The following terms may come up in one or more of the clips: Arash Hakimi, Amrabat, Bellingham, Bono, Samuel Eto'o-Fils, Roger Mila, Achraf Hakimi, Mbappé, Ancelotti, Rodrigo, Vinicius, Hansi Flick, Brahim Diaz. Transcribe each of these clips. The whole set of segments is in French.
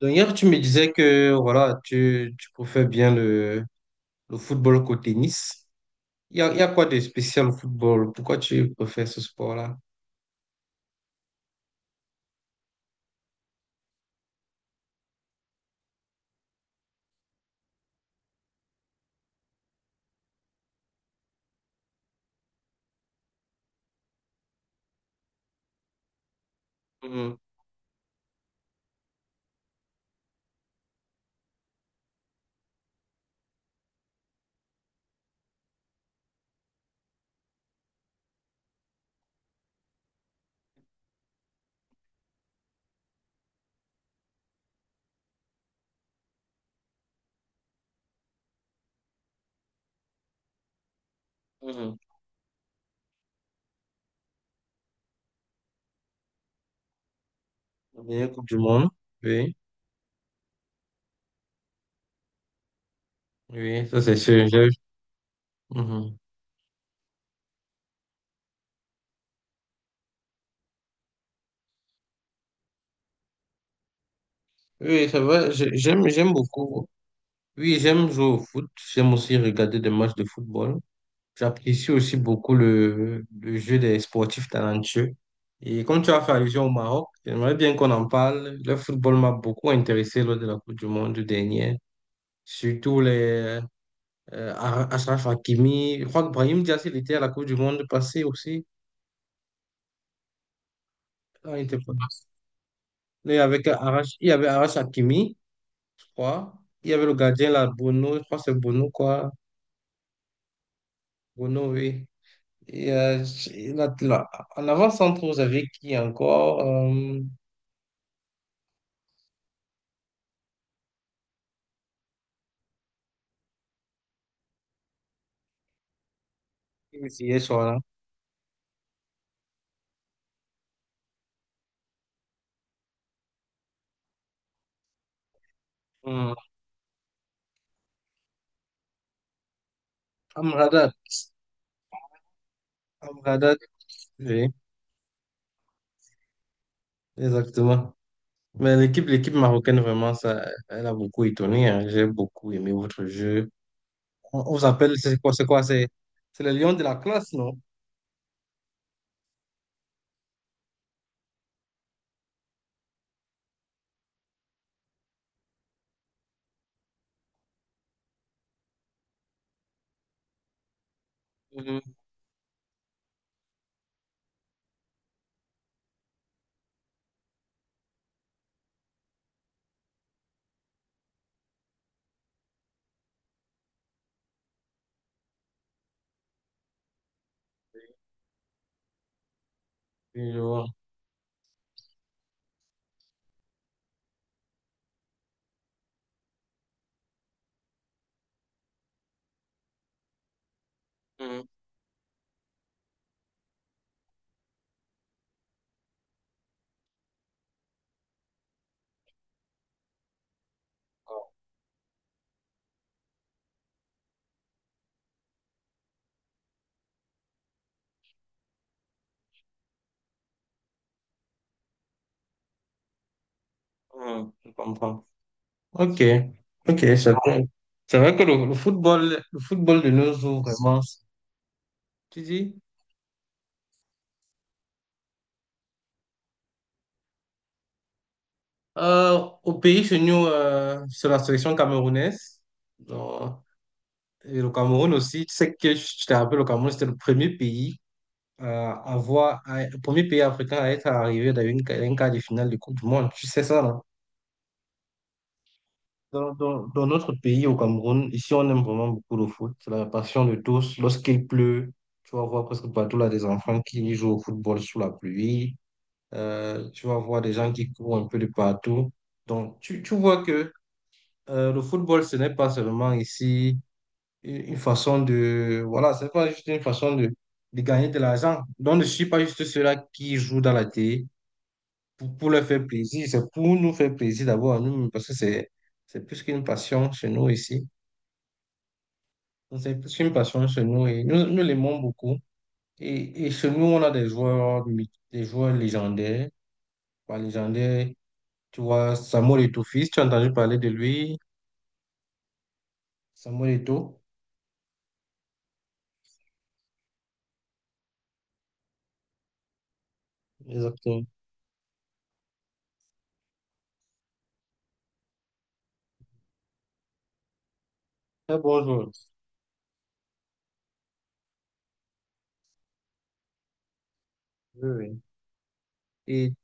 Donc hier, tu me disais que voilà, tu préfères bien le football qu'au tennis. Il y a quoi de spécial au football? Pourquoi tu préfères ce sport-là? Mhm, mhm. La dernière Coupe du Monde. Oui, oui, ça c'est sûr. J'ai- mhm. Oui, ça va, j'aime beaucoup. Oui, j'aime jouer au foot. J'aime aussi regarder des matchs de football. J'apprécie aussi beaucoup le jeu des sportifs talentueux. Et comme tu as fait allusion au Maroc, j'aimerais bien qu'on en parle. Le football m'a beaucoup intéressé lors de la Coupe du Monde dernière. Surtout les Achraf Hakimi. Je crois que Brahim Diaz, il était à la Coupe du Monde passée aussi. Ah, il était pas là. Mais avec Arash, il y avait Arash Hakimi, je crois. Il y avait le gardien là, Bono. Je crois que c'est Bono, quoi. Bono, oui. Et là, là, en avant-centre, vous avez qui encore? Initié sur là. Hmm. Amrabat, Amrabat, oui, exactement. Mais l'équipe marocaine, vraiment, ça, elle a beaucoup étonné, hein. J'ai beaucoup aimé votre jeu. On vous appelle, c'est quoi, c'est les lions de la classe, non? Mhm. Oui, je vois. Mhm. Mhm, je comprends. Ok, ok, c'est vrai, c'est vrai que le football de nos jours, vraiment, tu dis, au pays chez nous, sur la sélection camerounaise. Et le Cameroun aussi, tu sais, que je te rappelle, le Cameroun, c'était le premier pays à avoir, le premier pays africain à être arrivé dans dans une quart de finale de Coupe du Monde. Tu sais ça, non? Dans notre pays, au Cameroun, ici, on aime vraiment beaucoup le foot. C'est la passion de tous. Lorsqu'il pleut, tu vas voir presque partout là des enfants qui jouent au football sous la pluie. Tu vas voir des gens qui courent un peu de partout. Donc, tu vois que le football, ce n'est pas seulement ici une façon de, voilà, c'est pas juste une façon de gagner de l'argent. Donc, je ne suis pas juste ceux-là qui jouent dans la télé pour leur faire plaisir. C'est pour nous faire plaisir d'abord à nous, parce que c'est plus qu'une passion chez nous ici. Donc, c'est plus qu'une passion chez nous et nous l'aimons beaucoup. Et chez nous, on a des des joueurs légendaires. Pas légendaires, tu vois, Samuel Eto'o-Fils, tu as entendu parler de lui, Samuel Eto'o. Exactement. Très bon joueur. Oui, oui.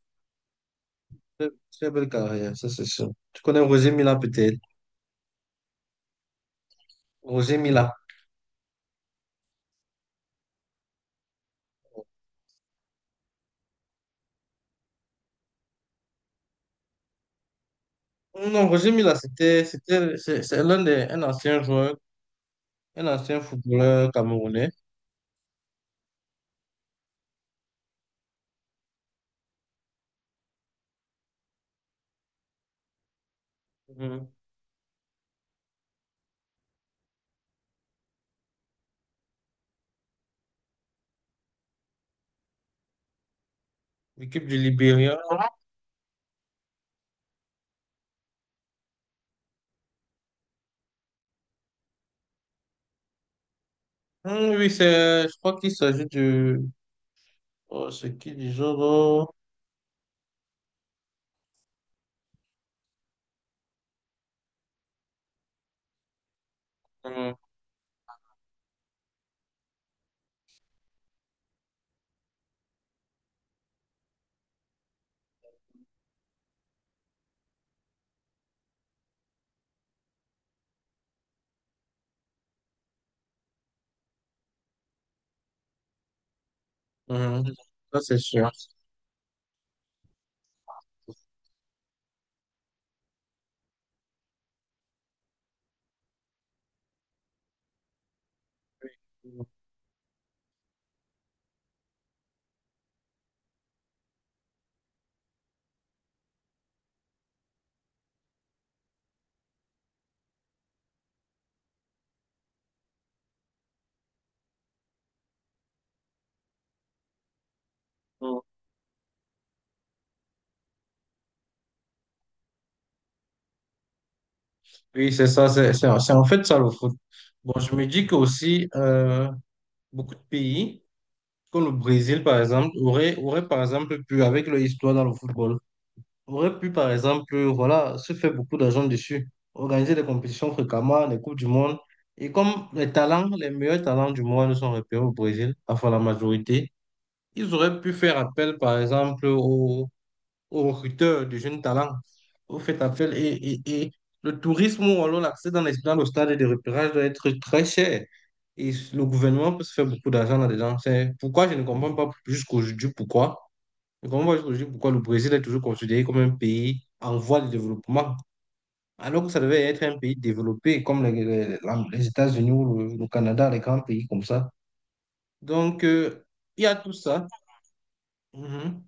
Très très belle carrière, ça c'est sûr. Tu connais Roger Mila peut-être? Roger Mila. Non, Roger Mila, c'est l'un des, un ancien joueur, un ancien footballeur camerounais. Mhm. L'équipe du Libéria. Oui, c'est, je crois qu'il s'agit du, oh, c'est qui du genre, oh, hum, hum, ça c'est sûr. Hum. Oui, c'est ça, c'est en fait ça le foot. Bon, je me dis qu'aussi, beaucoup de pays, comme le Brésil, par exemple, aurait, par exemple, pu, avec leur histoire dans le football, aurait pu, par exemple, voilà, se faire beaucoup d'argent dessus, organiser des compétitions fréquemment, des Coupes du Monde. Et comme les talents, les meilleurs talents du monde sont repérés au Brésil, enfin la majorité, ils auraient pu faire appel, par exemple, aux, aux recruteurs de jeunes talents. Vous faites appel et le tourisme ou alors l'accès dans le stade de repérage doit être très cher. Et le gouvernement peut se faire beaucoup d'argent là-dedans. C'est pourquoi je ne comprends pas jusqu'aujourd'hui pourquoi. Je ne comprends pas jusqu'aujourd'hui pourquoi le Brésil est toujours considéré comme un pays en voie de développement, alors que ça devait être un pays développé comme les États-Unis ou le Canada, les grands pays comme ça. Donc, il y a tout ça. Mhm.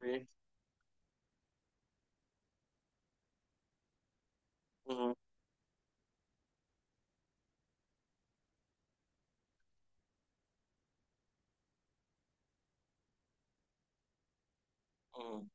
Oui, mhm, mhm.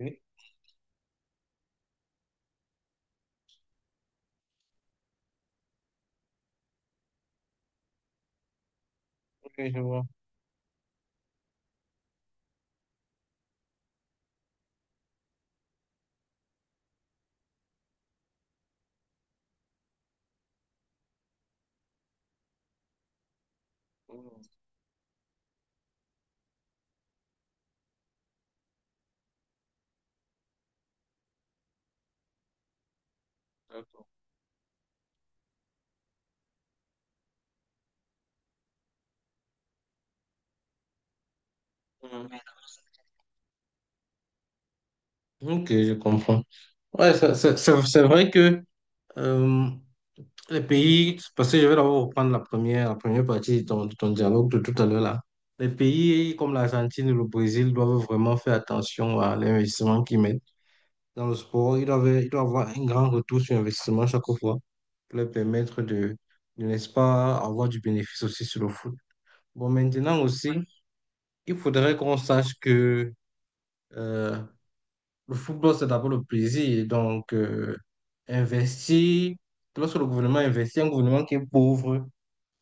Oui, ok, je vois. Mhm. Mhm. Ok, je comprends. Ouais, c'est vrai que euh, les pays, parce que je vais d'abord reprendre la première partie de de ton dialogue de tout à l'heure là. Les pays comme l'Argentine et le Brésil doivent vraiment faire attention à l'investissement qu'ils mettent dans le sport. Ils doivent avoir un grand retour sur investissement chaque fois pour leur permettre de, n'est-ce pas, avoir du bénéfice aussi sur le foot. Bon, maintenant aussi, il faudrait qu'on sache que euh, le football, c'est d'abord le plaisir. Donc, investir, lorsque le gouvernement investit, un gouvernement qui est pauvre,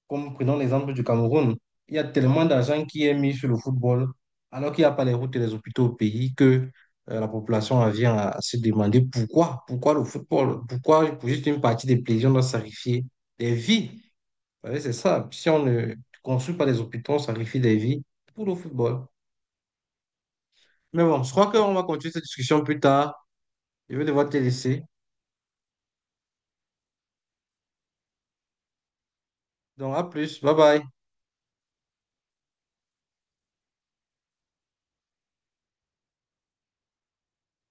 comme prenons l'exemple du Cameroun, il y a tellement d'argent qui est mis sur le football, alors qu'il n'y a pas les routes et les hôpitaux au pays, que la population en vient à se demander pourquoi, pourquoi le football, pourquoi pour juste une partie des plaisirs, on doit sacrifier des vies. Vous savez, c'est ça. Si on ne construit pas des hôpitaux, on sacrifie des vies pour le football. Mais bon, je crois qu'on va continuer cette discussion plus tard. Je vais devoir te laisser. Donc à plus, bye bye.